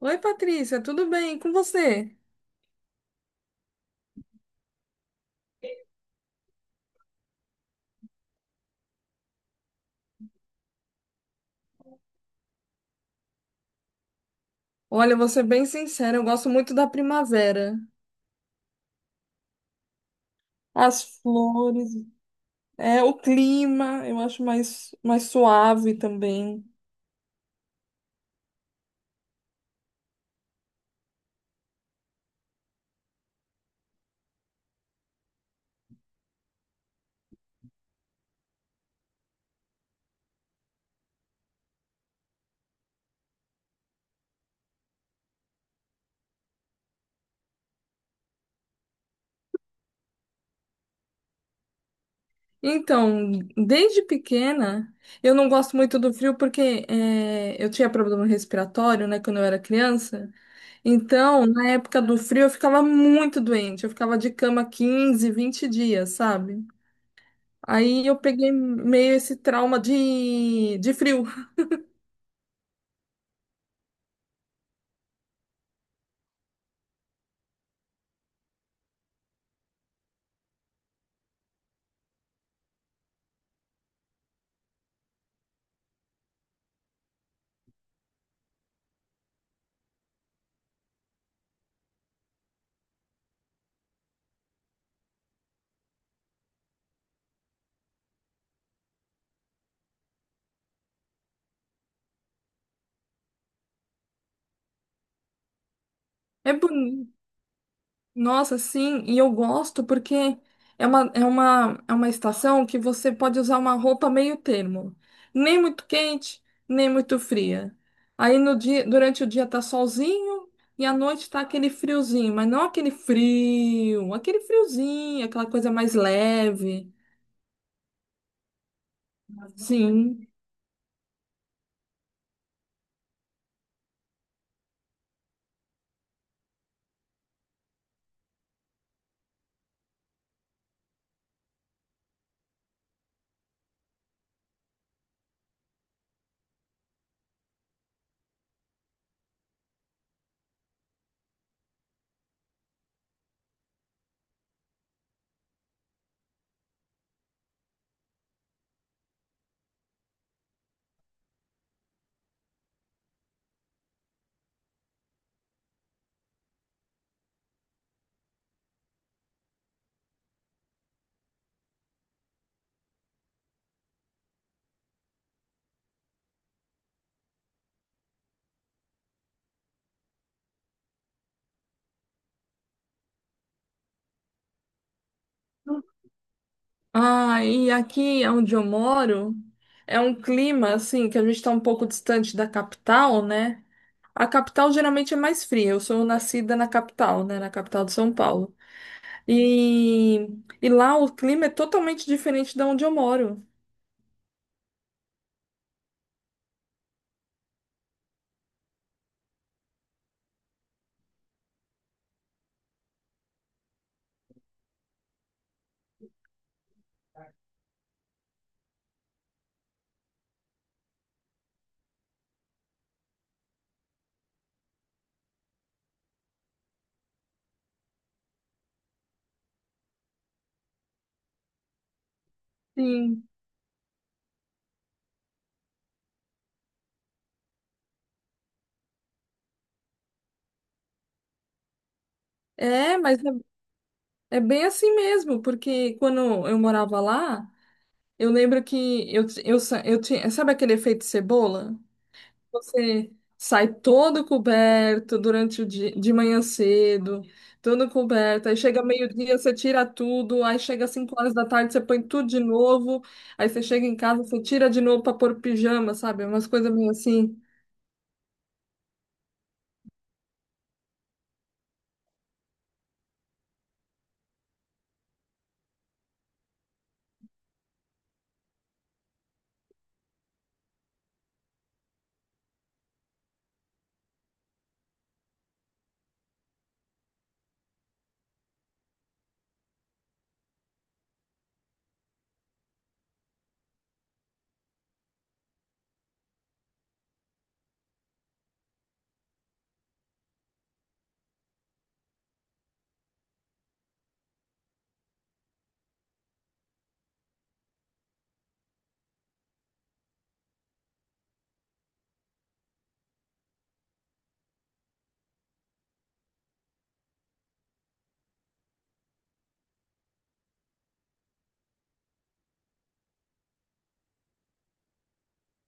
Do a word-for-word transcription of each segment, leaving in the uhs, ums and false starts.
Oi, Patrícia, tudo bem? E com você? Olha, eu vou ser bem sincera, eu gosto muito da primavera. As flores, é o clima, eu acho mais, mais suave também. Então, desde pequena, eu não gosto muito do frio porque é, eu tinha problema respiratório, né, quando eu era criança. Então, na época do frio, eu ficava muito doente. Eu ficava de cama quinze, vinte dias, sabe? Aí eu peguei meio esse trauma de, de frio. É bonito. Nossa, sim, e eu gosto porque é uma, é uma, é uma estação que você pode usar uma roupa meio termo, nem muito quente, nem muito fria. Aí no dia, durante o dia tá solzinho e à noite tá aquele friozinho, mas não aquele frio, aquele friozinho, aquela coisa mais leve. Sim. Ah, e aqui onde eu moro é um clima assim que a gente está um pouco distante da capital, né? A capital geralmente é mais fria. Eu sou nascida na capital, né? Na capital de São Paulo. E, e lá o clima é totalmente diferente de onde eu moro. Sim. É, mas é, é bem assim mesmo, porque quando eu morava lá, eu lembro que eu, eu, sa- eu tinha. Sabe aquele efeito cebola? Você sai todo coberto durante o dia, de manhã cedo, todo coberto. Aí chega meio-dia, você tira tudo. Aí chega às cinco horas da tarde, você põe tudo de novo. Aí você chega em casa, você tira de novo para pôr pijama, sabe? Umas coisas meio assim.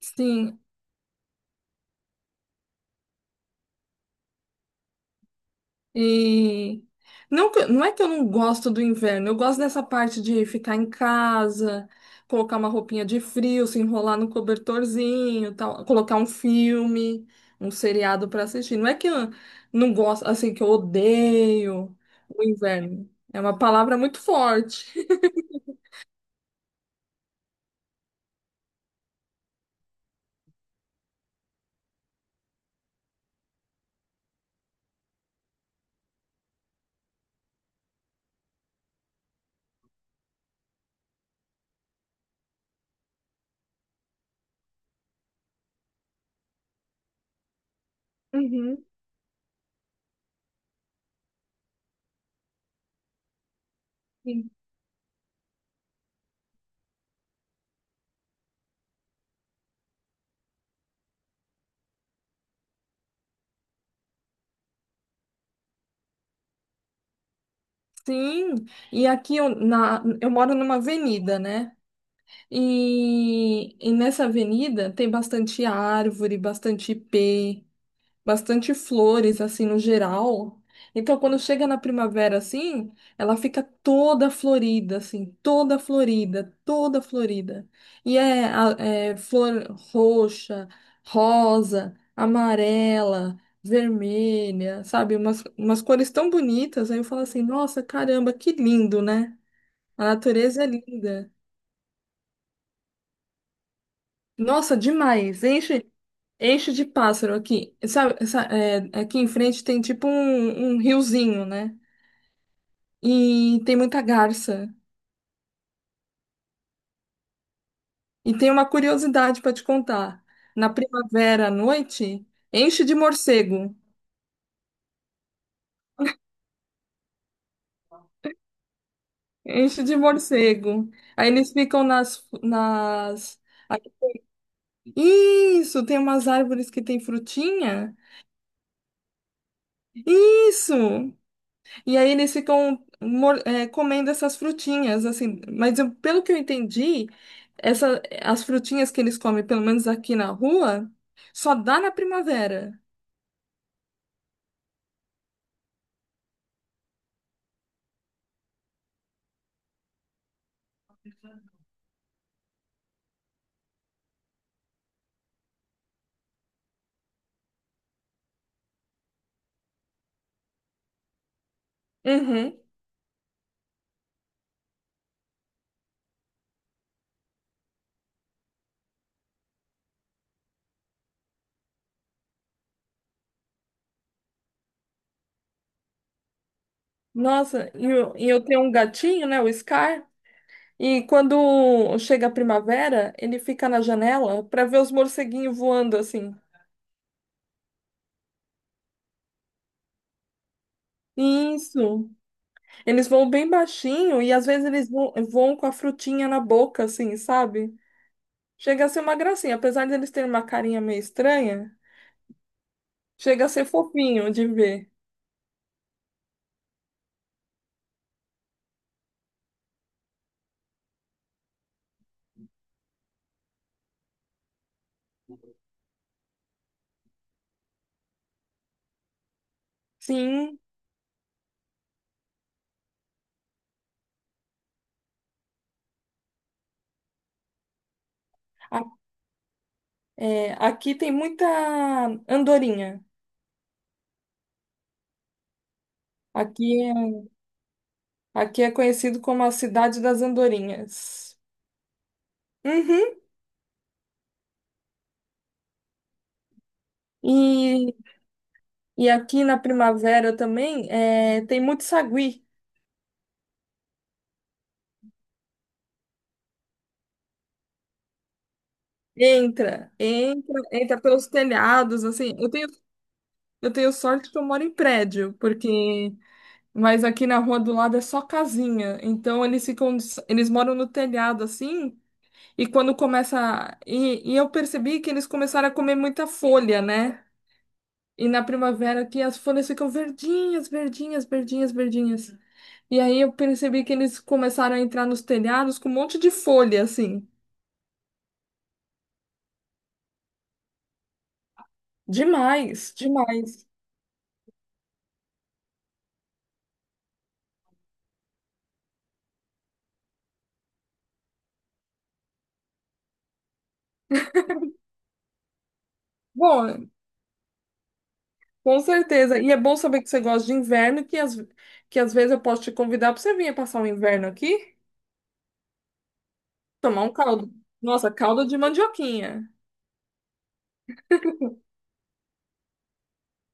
Sim. E não, que- não é que eu não gosto do inverno, eu gosto dessa parte de ficar em casa, colocar uma roupinha de frio, se enrolar no cobertorzinho, tal, colocar um filme, um seriado para assistir. Não é que eu não gosto, assim, que eu odeio o inverno. É uma palavra muito forte. Uhum. Sim, Sim. e aqui eu, na, eu moro numa avenida, né? E, e nessa avenida tem bastante árvore, bastante ipê. Bastante flores, assim, no geral. Então, quando chega na primavera, assim, ela fica toda florida, assim, toda florida, toda florida. E é, a- é flor roxa, rosa, amarela, vermelha, sabe? Umas, umas cores tão bonitas. Aí eu falo assim, nossa, caramba, que lindo, né? A natureza é linda. Nossa, demais. Enche Enche de pássaro aqui. Sabe, essa- é, aqui em frente tem tipo um, um riozinho, né? E tem muita garça. E tem uma curiosidade para te contar. Na primavera à noite, enche de morcego. Enche de morcego. Aí eles ficam nas, nas... Isso, tem umas árvores que tem frutinha. Isso! E aí eles ficam mor- eh, comendo essas frutinhas, assim. Mas eu- pelo que eu entendi, essa, as frutinhas que eles comem, pelo menos aqui na rua, só dá na primavera. Uhum. Nossa, e eu, e eu tenho um gatinho, né, o Scar, e quando chega a primavera, ele fica na janela para ver os morceguinhos voando assim. Isso. Eles voam bem baixinho e às vezes eles vo- voam com a frutinha na boca, assim, sabe? Chega a ser uma gracinha, apesar de eles terem uma carinha meio estranha, chega a ser fofinho de ver. Sim, a- é, aqui tem muita andorinha. Aqui é, aqui é conhecido como a cidade das andorinhas. Uhum. E, e aqui na primavera também é, tem muito sagui. Entra, entra, entra pelos telhados, assim. Eu tenho, eu tenho sorte que eu moro em prédio, porque mas aqui na rua do lado é só casinha. Então eles ficam, eles moram no telhado assim, e quando começa a- e, e eu percebi que eles começaram a comer muita folha, né? E na primavera aqui as folhas ficam verdinhas, verdinhas, verdinhas, verdinhas. E aí eu percebi que eles começaram a entrar nos telhados com um monte de folha assim. Demais, demais. Bom, com certeza. E é bom saber que você gosta de inverno, que às, que às vezes eu posso te convidar para você vir passar o inverno aqui. Tomar um caldo. Nossa, caldo de mandioquinha.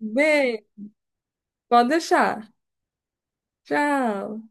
Bem, pode deixar. Tchau.